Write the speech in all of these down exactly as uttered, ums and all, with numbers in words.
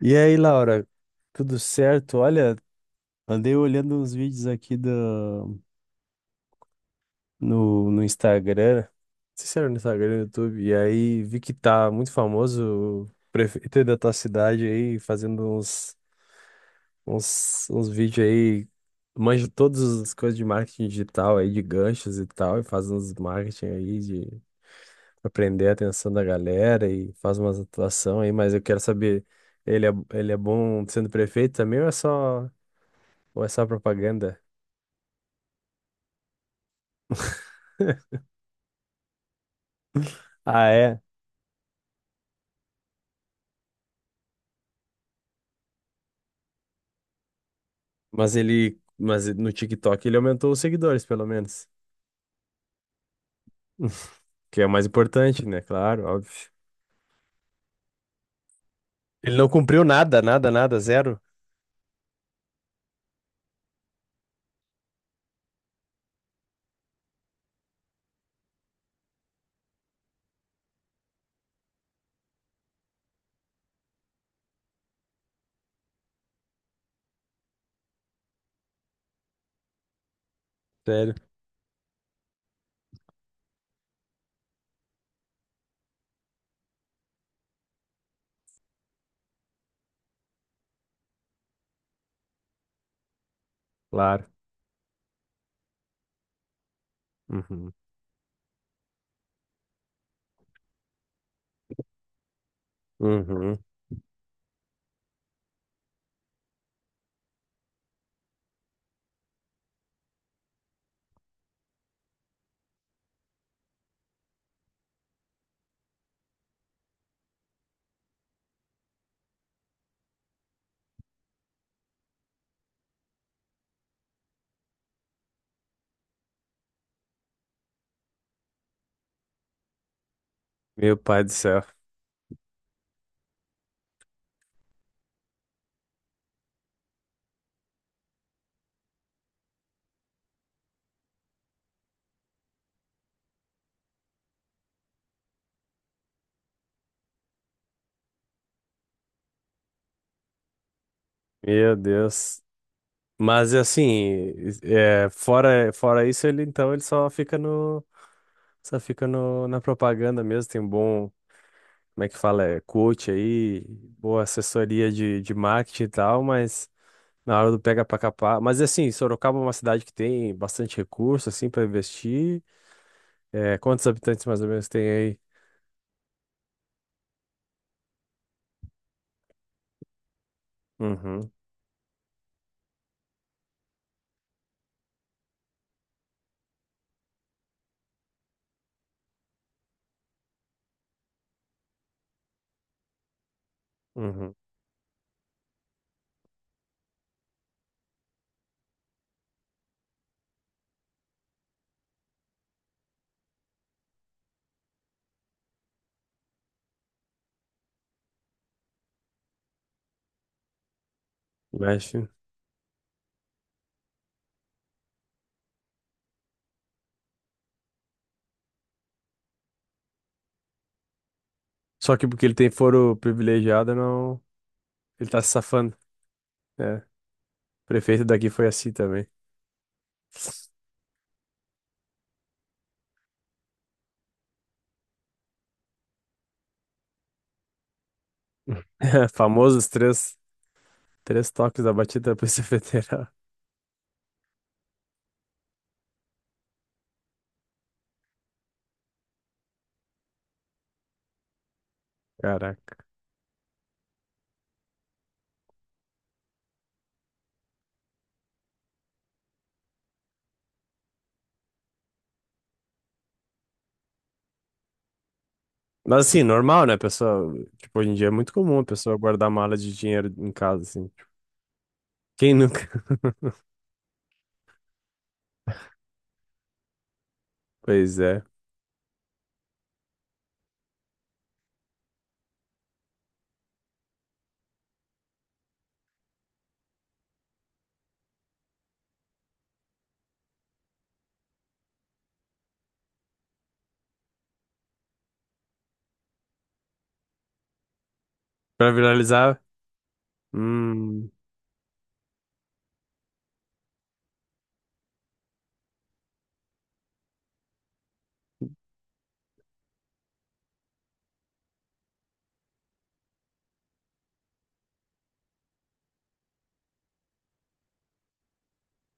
E aí, Laura, tudo certo? Olha, andei olhando uns vídeos aqui do, no, no Instagram, não sei se era no Instagram, no YouTube, e aí vi que tá muito famoso o prefeito aí da tua cidade aí, fazendo uns, uns, uns vídeos aí, manja todas as coisas de marketing digital aí, de ganchos e tal, e faz uns marketing aí de pra prender a atenção da galera e faz umas atuação aí, mas eu quero saber, ele é, ele é bom sendo prefeito também ou é só... Ou é só propaganda? Ah, é? Mas ele, mas no TikTok ele aumentou os seguidores, pelo menos. Que é o mais importante, né? Claro, óbvio. Ele não cumpriu nada, nada, nada, zero? Sério, claro. Uhum. Uhum. Meu pai do céu. Meu Deus. Mas assim, é, fora, fora isso, ele então ele só fica no, só fica no, na propaganda mesmo. Tem um bom, como é que fala? É, coach aí, boa assessoria de, de marketing e tal, mas. Na hora do pega pra capar. Mas assim, Sorocaba é uma cidade que tem bastante recurso, assim, para investir. É, quantos habitantes mais ou menos tem aí? Uhum, uhum. Mexe. Só que porque ele tem foro privilegiado, não. Ele tá se safando. É. O prefeito daqui foi assim também. Famosos três, três toques da batida da Polícia Federal. Caraca. Mas assim, normal, né, pessoal? Tipo, hoje em dia é muito comum a pessoa guardar mala de dinheiro em casa, assim. Quem nunca? Pois é. Pra viralizar. Hum.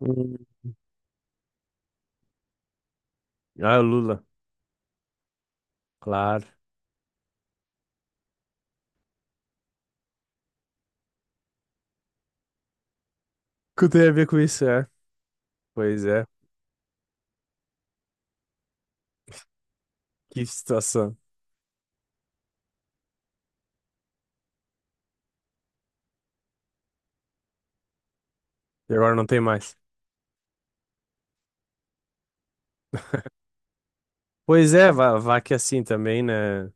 Hum. Ah, o Lula, claro. O que tem a ver com isso, é? Pois é, que situação. E agora não tem mais. Pois é, vá, vá que assim também, né?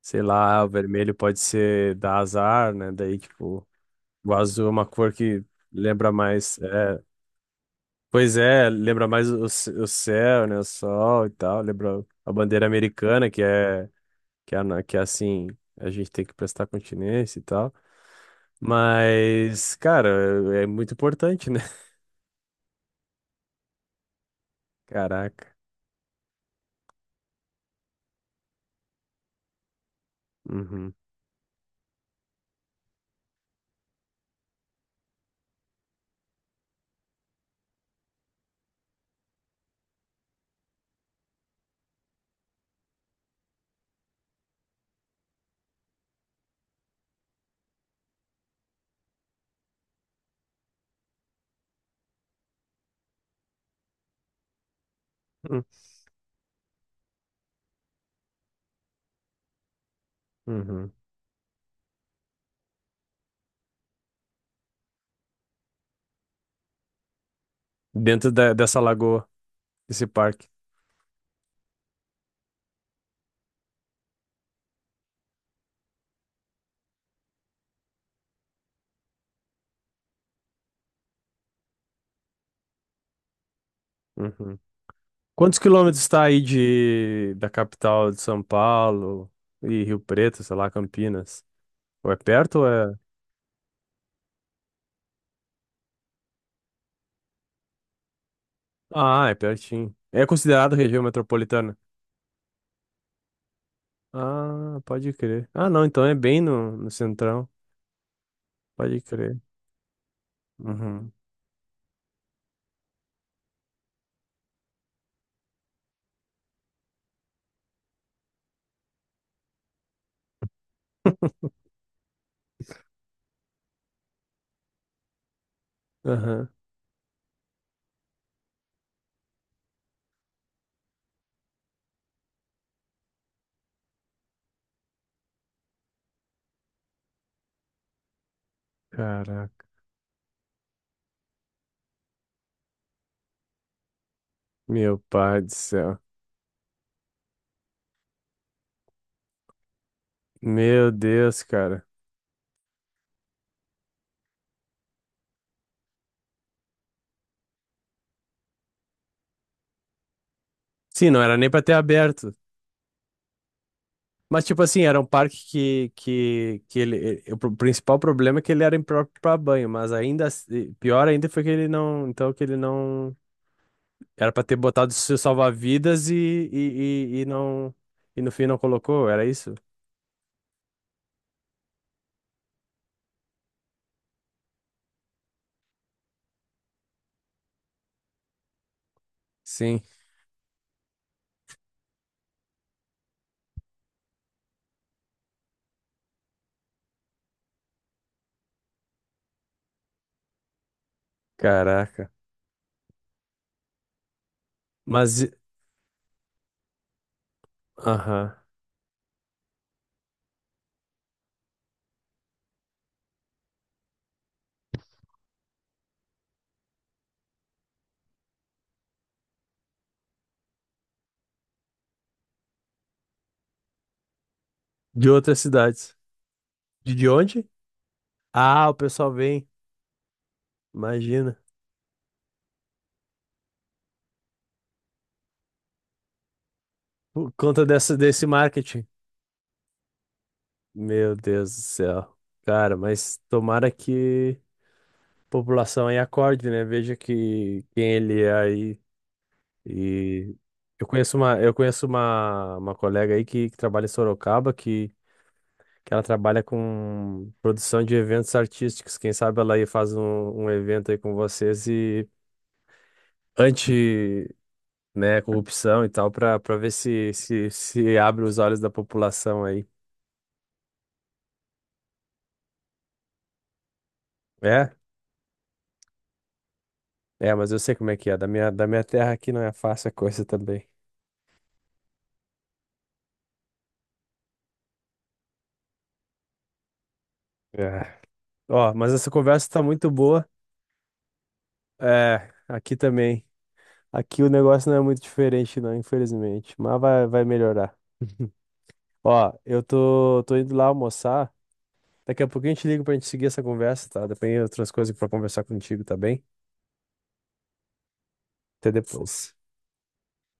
Sei lá, o vermelho pode ser dar azar, né? Daí, tipo, o azul é uma cor que lembra mais. É, pois é, lembra mais o, c- o céu, né? O sol e tal. Lembra a bandeira americana, que é, que é, na- que é assim, a gente tem que prestar continência e tal. Mas, cara, é é muito importante, né? Caraca. Uhum. Hum, uhum. Dentro da- dessa lagoa, desse parque. Uhum. Quantos quilômetros está aí de, da capital de São Paulo e Rio Preto, sei lá, Campinas? Ou é perto ou é. Ah, é pertinho. É considerado região metropolitana? Ah, pode crer. Ah, não, então é bem no, no centrão. Pode crer. Uhum. Aham. Caraca. Meu pai do céu. Meu Deus, cara. Sim, não era nem pra ter aberto. Mas, tipo assim, era um parque que, que, que ele, ele- o pro- principal problema é que ele era impróprio pra banho, mas ainda, assim- pior ainda foi que ele não, então que ele não, era pra ter botado seu salva-vidas e, e, e, e não, e no fim não colocou, era isso? Sim, caraca. Mas, e- aham, de outras cidades. De, de onde? Ah, o pessoal vem, imagina, por conta dessa, desse marketing. Meu Deus do céu. Cara, mas tomara que a população aí acorde, né? Veja que quem ele é aí. E eu conheço uma, eu conheço uma, uma colega aí que, que trabalha em Sorocaba, que, que ela trabalha com produção de eventos artísticos. Quem sabe ela aí faz um, um evento aí com vocês e anti, né, corrupção e tal, para para ver se, se, se abre os olhos da população aí. É? É, mas eu sei como é que é. Da minha, da minha terra aqui não é fácil a coisa também. É. Ó, mas essa conversa tá muito boa. É, aqui também. Aqui o negócio não é muito diferente, não, infelizmente. Mas vai, vai melhorar. Ó, eu tô, tô indo lá almoçar. Daqui a pouquinho eu te ligo pra gente seguir essa conversa, tá? Depois tem outras coisas pra conversar contigo, tá bem? Até depois.